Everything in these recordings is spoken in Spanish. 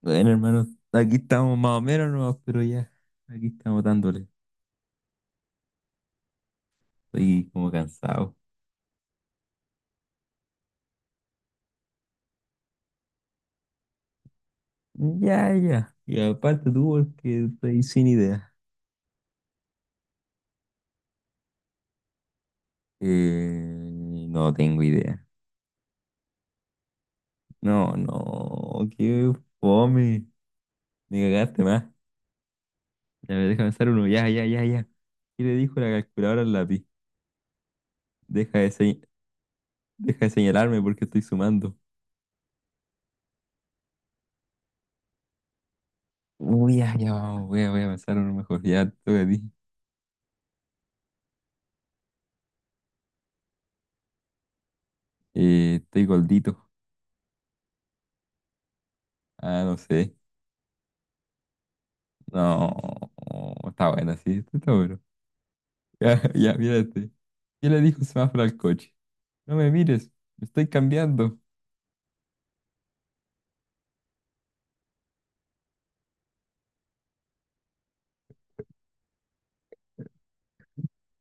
Bueno, hermano, aquí estamos más o menos nomás, pero ya, aquí estamos dándole. Estoy como cansado. Ya, ya. Y aparte tú, porque estoy sin idea. Eh, no tengo idea. No, no, qué fome. Me cagaste más. Ya, ver, deja pensar uno. Ya, ya, ya, ya. ¿Qué le dijo la calculadora al lápiz? Deja de, se- deja de señalarme porque estoy sumando. Uy, ya, ya, vamos, voy a pensar uno mejor. Ya, toca a ti. Estoy gordito. Ah, no sé. No, está buena, sí, estoy seguro. Ya, ya, mírate. ¿Qué le dijo un semáforo al coche? No me mires, me estoy cambiando.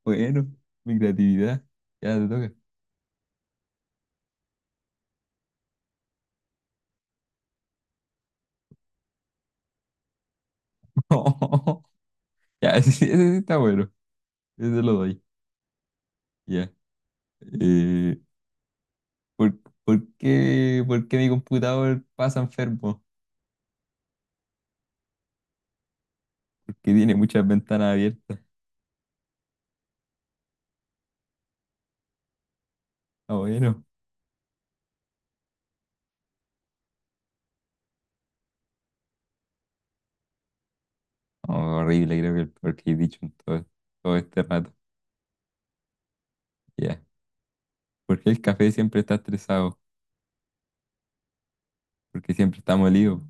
Bueno, mi creatividad. Ya te toca. Ya, ese sí está bueno. Ese lo doy. Ya. Eh, ¿por, por qué mi computador pasa enfermo? Porque tiene muchas ventanas abiertas. Ah, bueno. Oh, horrible, creo que el peor que he dicho en todo este rato. Ya. ¿Por qué el café siempre está estresado? Porque siempre está molido.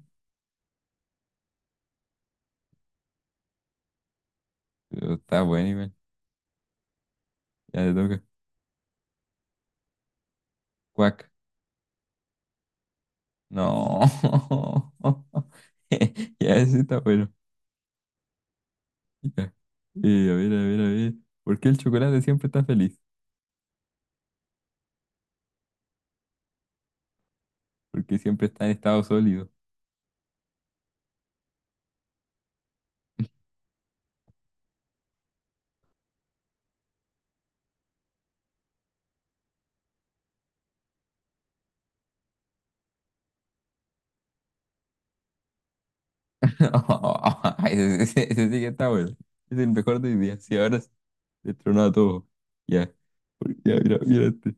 Pero está bueno, igual. Ya le toca. Cuac. No. Ya, ese está bueno. Ya. A ver, a ver, a ver. ¿Por qué el chocolate siempre está feliz? Porque siempre está en estado sólido. Ay, ese sí que está bueno. Es el mejor de mi día. Sí, ahora se le a todo. Ya. Ya, mira, mira este.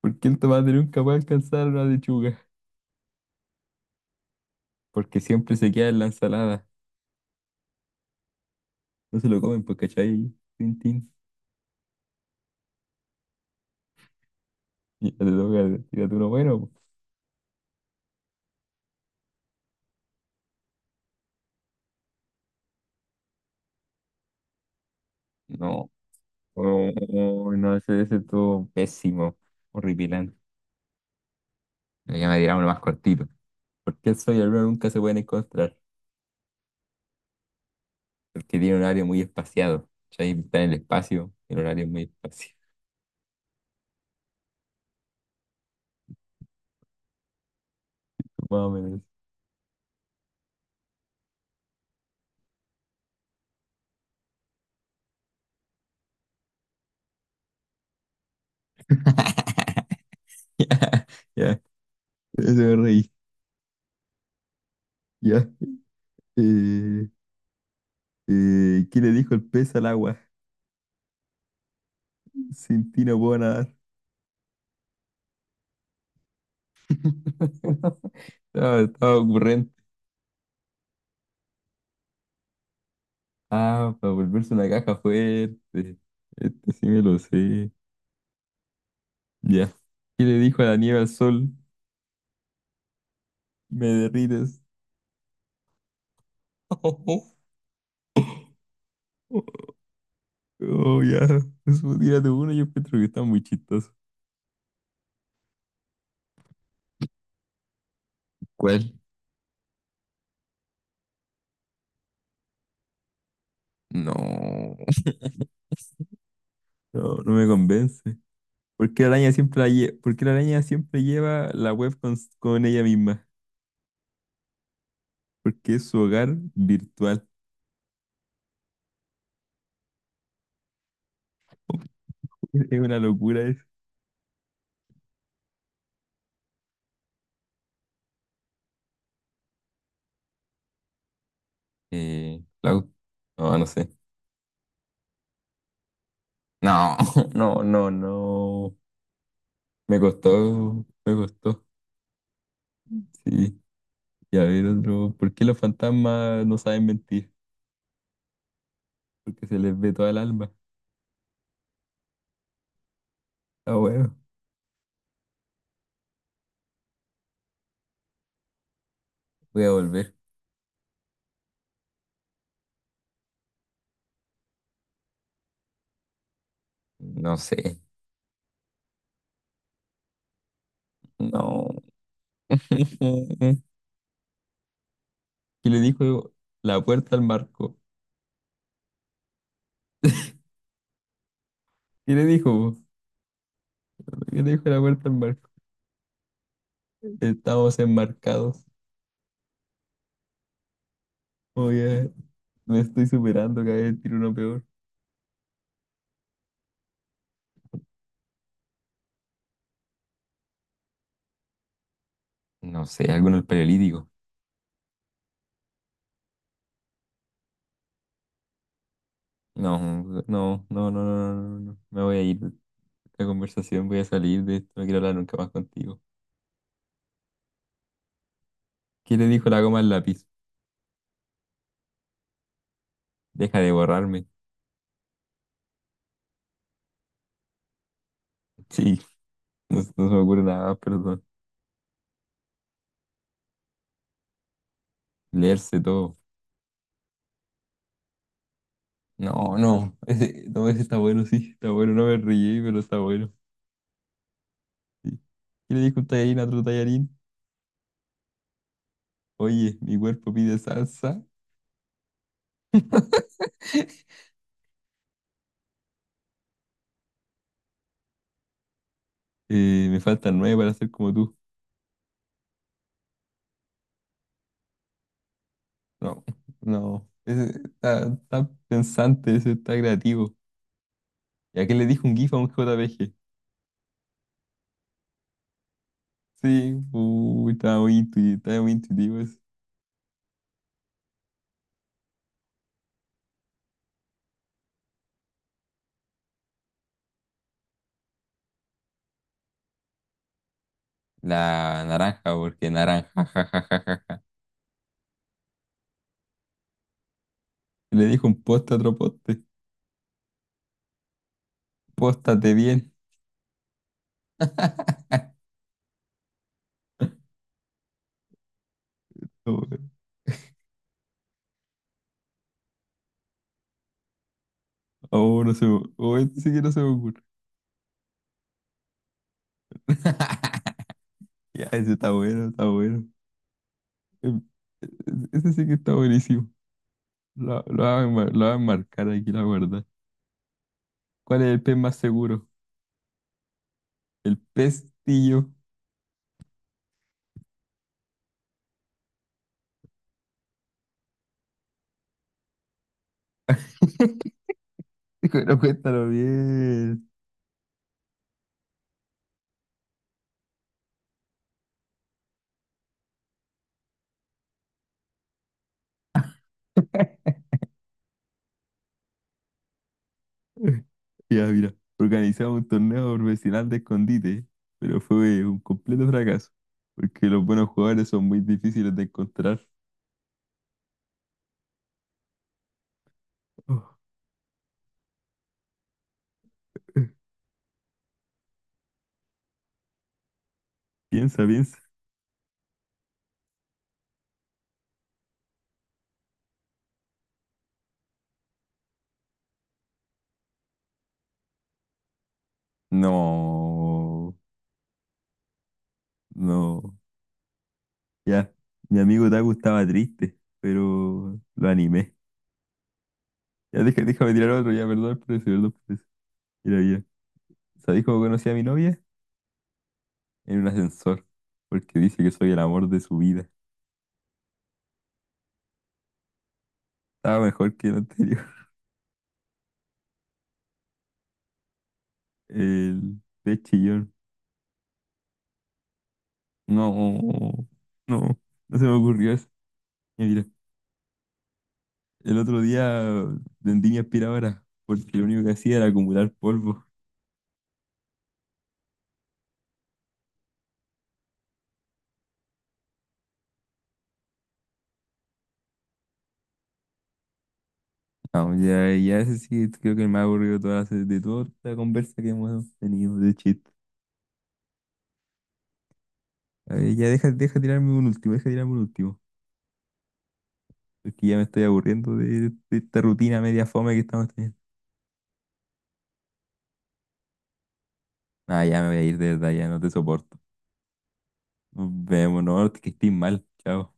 ¿Por qué el tomate nunca va a alcanzar una lechuga? Porque siempre se queda en la ensalada. No se lo comen, pues, ¿cachai? Tin, tin. Y ya te toca, tírate uno bueno. Pues. Oh, oh, no, ese estuvo pésimo, horripilante. Ya me dirá uno más cortito. ¿Por qué el sol y la luna nunca se pueden encontrar? Porque tiene un horario muy espaciado. Ahí está en el espacio, el horario es muy espaciado. Más o menos. Ya, ya, se me reí. Ya. Eh, ¿Qué le dijo el pez al agua? Sin ti no puedo nadar. Estaba ocurrente. Ah, para volverse una caja fuerte. Este sí me lo sé. Ya. ¿Qué le dijo la nieve al sol? Me derrites. Oh, ya. Eso, tírate uno, yo encuentro que está muy chistoso. ¿Cuál? No. No, no me convence. ¿Por qué la araña siempre lleva la web con ella misma? Porque es su hogar virtual. Es una locura eso. Clau. No, no sé. No, no, no, no. Me costó, me costó. Sí. Y a ver otro. ¿Por qué los fantasmas no saben mentir? Porque se les ve toda el alma. Ah, bueno. Voy a volver. No sé. No. ¿Qué le dijo la puerta al marco? ¿Qué le dijo? ¿Qué le dijo la puerta al marco? Estamos enmarcados. Oye, me estoy superando, cada vez tiro uno peor. No sé, algo en el paleolítico. No, no, no, no, no, no, no. No. Me voy a ir de esta conversación, voy a salir de esto, no quiero hablar nunca más contigo. ¿Qué le dijo la goma al lápiz? Deja de borrarme. Sí, no, no se me ocurre nada más, perdón. Leerse todo. No, no, ese, no, ese está bueno, sí, está bueno, no me reí, pero está bueno. Sí. ¿Qué le dijo un tallarín a otro tallarín? Oye, mi cuerpo pide salsa, me faltan nueve para ser como tú. No, no, ese está pensante, ese está creativo. ¿Y a qué le dijo un GIF a un JPG? Sí, uy, está muy intuitivo ese. La naranja, porque naranja, ja, ja, ja, ja, ja. Le dijo un poste a otro poste, póstate bien. Oh, no se me, oh, este sí que no se me ocurre. Ya, ese está bueno, está bueno. Em, Ese sí que está buenísimo. Lo voy a marcar aquí, la verdad. ¿Cuál es el pez más seguro? El pestillo. Pero cuéntalo bien. Ya, mira, organizamos un torneo profesional de escondite, pero fue un completo fracaso, porque los buenos jugadores son muy difíciles de encontrar. Oh, eh. Piensa, piensa. No, no. Ya, mi amigo Taku estaba triste, pero lo animé. Ya, déjame tirar otro, ya, perdón por eso, perdón por eso. Mira, ya. ¿Sabéis cómo conocí a mi novia? En un ascensor, porque dice que soy el amor de su vida. Estaba mejor que el anterior. El de chillón. No, no, no se me ocurrió eso. Ya, mira, el otro día vendí mi aspiradora, porque lo único que hacía era acumular polvo. No, ya, ya ese sí, creo que el más aburrido toda la, de toda la conversa que hemos tenido de chiste. A ver, ya deja tirarme un último, deja tirarme un último. Porque ya me estoy aburriendo de esta rutina media fome que estamos teniendo. Ah, ya me voy a ir de verdad, ya no te soporto. Nos vemos, no, que estés mal. Chao.